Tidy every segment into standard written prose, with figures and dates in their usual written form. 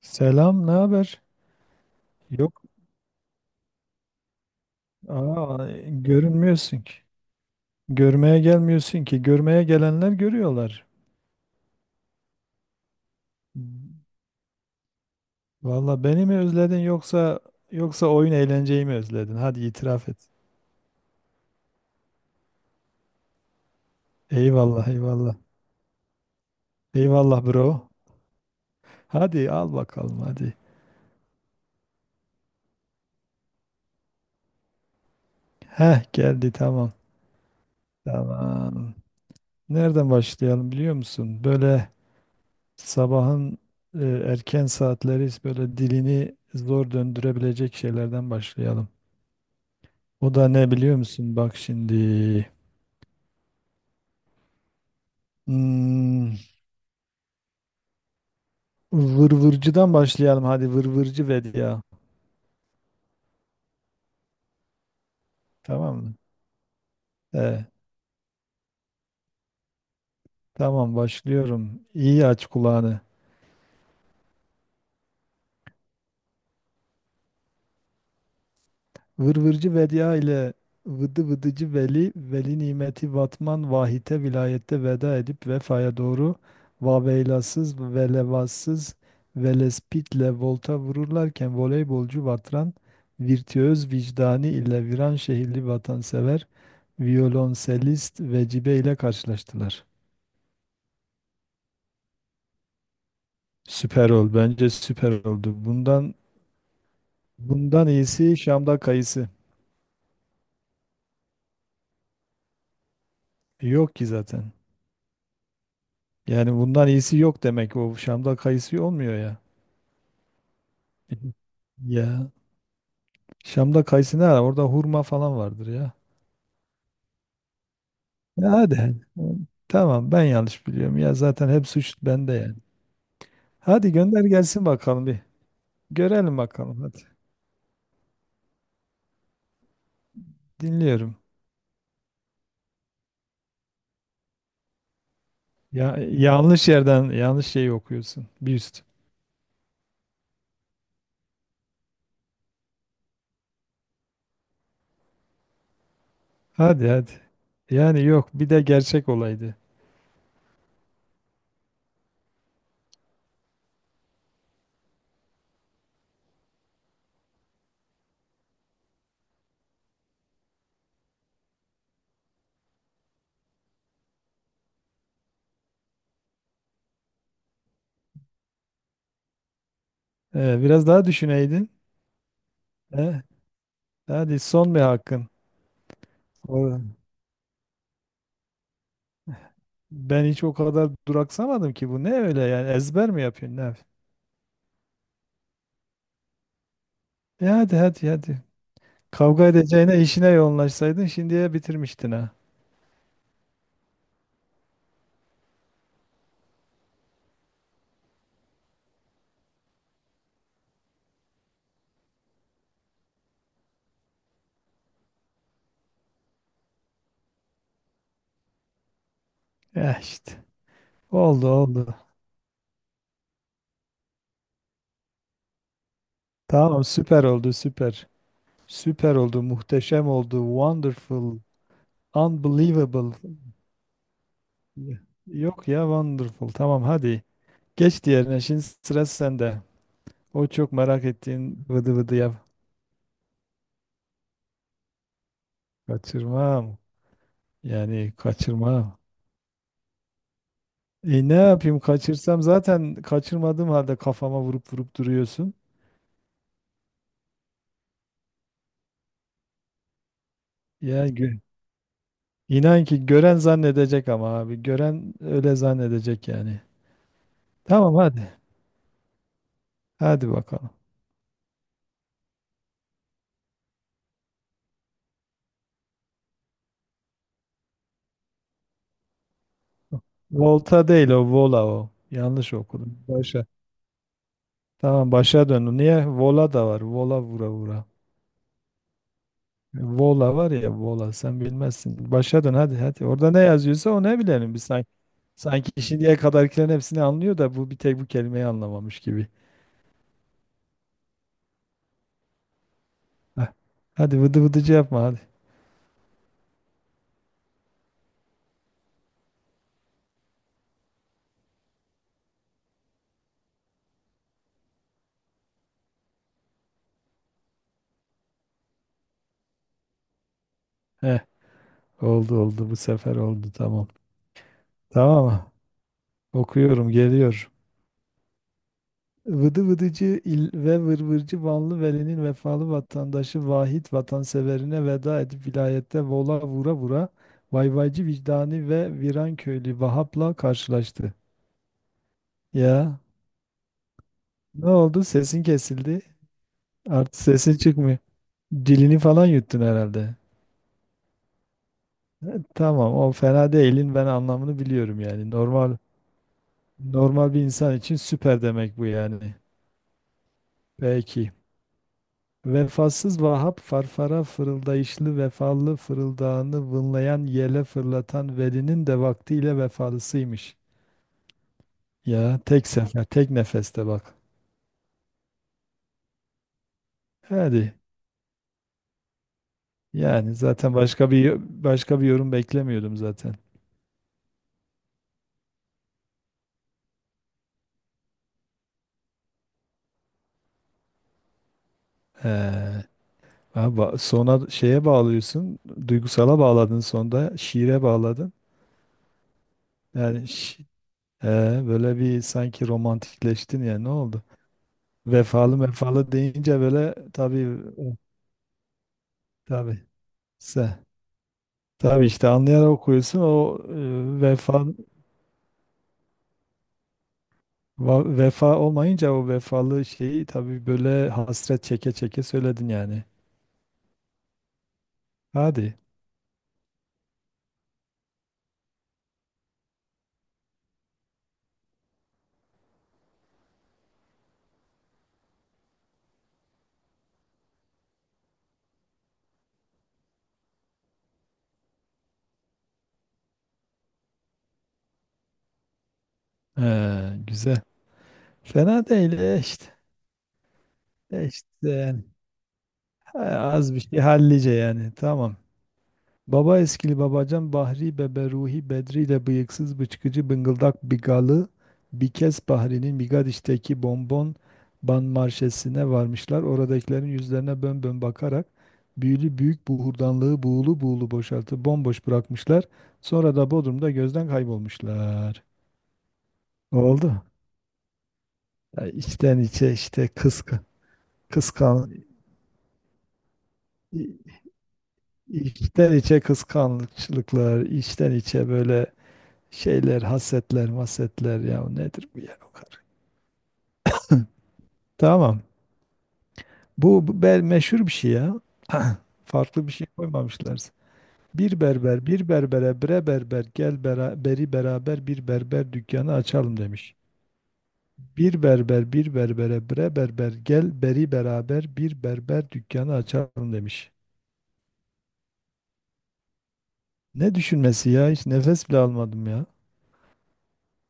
Selam, ne haber? Yok, görünmüyorsun ki. Görmeye gelmiyorsun ki. Görmeye gelenler görüyorlar. Valla beni mi özledin yoksa oyun eğlenceyi mi özledin? Hadi itiraf et. Eyvallah, eyvallah. Eyvallah bro. Hadi al bakalım hadi. Heh geldi tamam. Tamam. Nereden başlayalım biliyor musun? Böyle sabahın erken saatleri böyle dilini zor döndürebilecek şeylerden başlayalım. O da ne biliyor musun? Bak şimdi. Hmm, vırvırcıdan başlayalım. Hadi vırvırcı ver ya. Tamam mı? Ee, tamam başlıyorum. İyi aç kulağını. Vırvırcı Vedia ile Vıdı Vıdıcı Veli, Veli Nimeti Vatman Vahite vilayette veda edip vefaya doğru Vaveylasız ve Levassız Velespitle volta vururlarken voleybolcu Vatran, virtüöz vicdani ile viran şehirli vatansever, violonselist Vecibe ile karşılaştılar. Süper ol, bence süper oldu. Bundan iyisi Şam'da kayısı. Yok ki zaten. Yani bundan iyisi yok demek o Şam'da kayısı olmuyor ya. Ya Şam'da kayısı ne ara? Orada hurma falan vardır ya. Ya hadi. Hı. Tamam ben yanlış biliyorum ya zaten hep suç bende yani. Hadi gönder gelsin bakalım bir. Görelim bakalım hadi. Dinliyorum. Ya yanlış yerden yanlış şeyi okuyorsun. Bir üst. Hadi hadi. Yani yok bir de gerçek olaydı. Biraz daha düşüneydin. He? Hadi son bir hakkın. O- Ben hiç o kadar duraksamadım ki bu ne öyle yani ezber mi yapıyorsun ne yapıyorsun? E hadi hadi hadi. Kavga edeceğine işine yoğunlaşsaydın şimdiye bitirmiştin ha. Ya işte. Oldu oldu. Tamam süper oldu süper. Süper oldu muhteşem oldu wonderful unbelievable. Yok ya wonderful tamam hadi. Geç diğerine şimdi sıra sende. O çok merak ettiğin vıdı vıdı yap. Kaçırmam. Yani kaçırmam. E ne yapayım kaçırsam zaten kaçırmadığım halde kafama vurup vurup duruyorsun. Yani gö- inan ki gören zannedecek ama abi gören öyle zannedecek yani. Tamam hadi. Hadi bakalım. Volta değil o vola o. Yanlış okudum. Başa. Tamam başa dön. Niye? Vola da var. Vola vura vura. Vola var ya vola sen bilmezsin. Başa dön hadi hadi. Orada ne yazıyorsa o ne bilelim biz sanki. Sanki şimdiye kadarkilerin hepsini anlıyor da bu bir tek bu kelimeyi anlamamış gibi. Heh. Hadi vıdı vıdıcı yapma hadi. Heh. Oldu oldu bu sefer oldu tamam. Tamam okuyorum geliyor. Vıdı vıdıcı il ve vırvırcı Vanlı Veli'nin vefalı vatandaşı Vahit vatanseverine veda edip vilayette vola vura vura vayvaycı vicdani ve viran köylü Vahap'la karşılaştı. Ya ne oldu sesin kesildi. Artık sesin çıkmıyor. Dilini falan yuttun herhalde. E, Tamam o fena değilin ben anlamını biliyorum yani normal. Normal bir insan için süper demek bu yani. Belki. Vefasız Vahap farfara fırıldayışlı vefalı fırıldağını vınlayan yele fırlatan velinin de vaktiyle vefalısıymış. Ya tek sefer tek nefeste bak. Hadi yani zaten başka bir yorum beklemiyordum zaten. He. Ha, sona şeye bağlıyorsun, duygusala bağladın sonda, şiire bağladın. Yani şi- he, böyle bir sanki romantikleştin ya ne oldu? Vefalı vefalı deyince böyle tabii o, tabii se tabii işte anlayarak okuyorsun o, e, vefa vefa olmayınca o vefalı şeyi tabii böyle hasret çeke çeke söyledin yani. Hadi. Güzel. Fena değil işte. E, işte yani. Ha, az bir şey hallice yani. Tamam. Baba eskili babacan Bahri bebe Ruhi Bedri de bıyıksız bıçkıcı bıngıldak bigalı bir kez Bahri'nin Bigadiş'teki bonbon ban marşesine varmışlar. Oradakilerin yüzlerine bön bön bakarak büyülü büyük buhurdanlığı buğulu buğulu boşaltıp bomboş bırakmışlar. Sonra da Bodrum'da gözden kaybolmuşlar. Oldu. Ya içten içe işte kıska, kıskan, i- içten içe kıskançlıklar, içten içe böyle şeyler, hasetler, masetler ya nedir bu ya o kadar. Tamam. Bu bel meşhur bir şey ya. Farklı bir şey koymamışlar. Bir berber, bir berbere, bre berber, gel bera, beri beraber bir berber dükkanı açalım demiş. Bir berber, bir berbere, bre berber, gel beri beraber bir berber dükkanı açalım demiş. Ne düşünmesi ya? Hiç nefes bile almadım ya.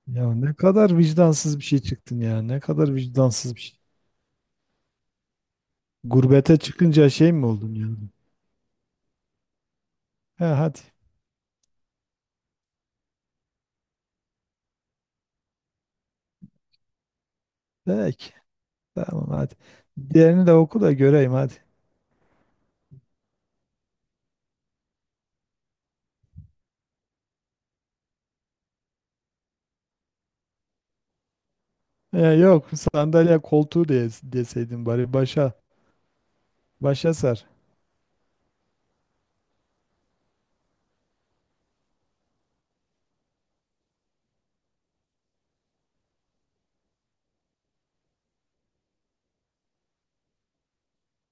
Ya ne kadar vicdansız bir şey çıktın ya. Ne kadar vicdansız bir şey. Gurbete çıkınca şey mi oldun yani? He hadi. Peki. Tamam hadi. Diğerini de oku da göreyim hadi. Yok sandalye koltuğu diye, deseydin bari başa sar.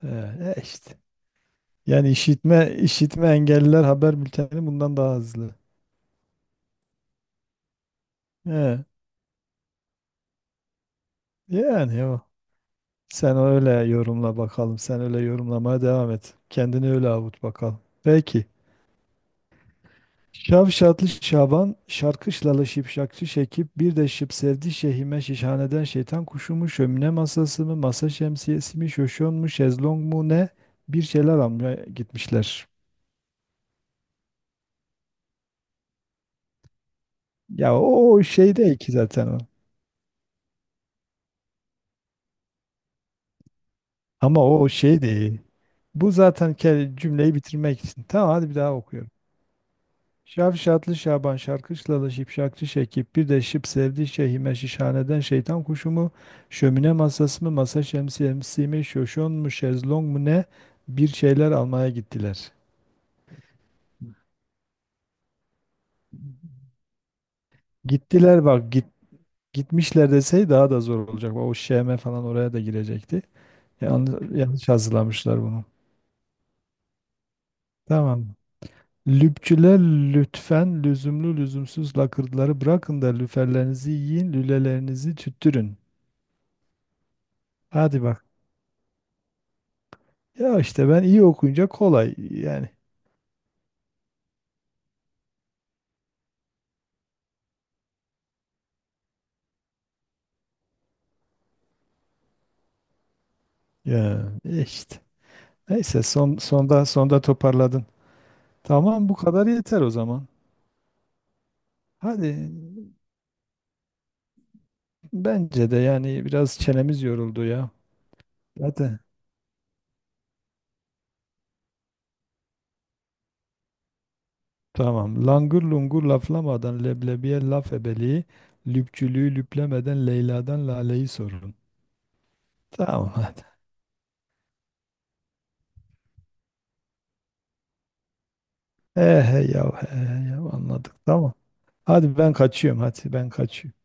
Ee, E işte. Yani işitme engelliler haber bülteni bundan daha hızlı. Ee, Yani o. Sen öyle yorumla bakalım. Sen öyle yorumlamaya devam et. Kendini öyle avut bakalım. Peki. Şavşatlı Şaban, şarkışlalı şipşakçı Şekip, bir de şıp sevdi şehime şişhaneden şeytan kuşu mu, şömine masası mı, masa şemsiyesi mi, şoşon mu, şezlong mu ne, bir şeyler almaya gitmişler. O şey değil ki zaten o. Ama o o şey değil. Bu zaten cümleyi bitirmek için. Tamam hadi bir daha okuyorum. Şavşatlı Şaban şarkışlalı şipşakçı Şekip bir de şıp sevdi şehime şişhaneden şeytan kuşu mu şömine masası mı masa şemsiyesi mi şoşon mu şezlong mu ne bir şeyler almaya gittiler. Gittiler bak git, Gitmişler desey daha da zor olacak. O şeme falan oraya da girecekti. Yanlış, yanlış hazırlamışlar bunu. Tamam. Lüpçüler lütfen lüzumlu lüzumsuz lakırdıları bırakın da lüferlerinizi yiyin lülelerinizi tüttürün. Hadi bakalım. Ya işte ben iyi okuyunca kolay yani. Ya e işte. Neyse sonda toparladın. Tamam bu kadar yeter o zaman. Hadi bence de yani biraz çenemiz yoruldu ya. Hadi. Tamam. Langır lungur laflamadan leblebiye laf ebeliği, lüpçülüğü lüplemeden Leyla'dan Lale'yi sorun. Tamam hadi. He he yav he he yav anladık tamam. Hadi ben kaçıyorum hadi ben kaçıyorum.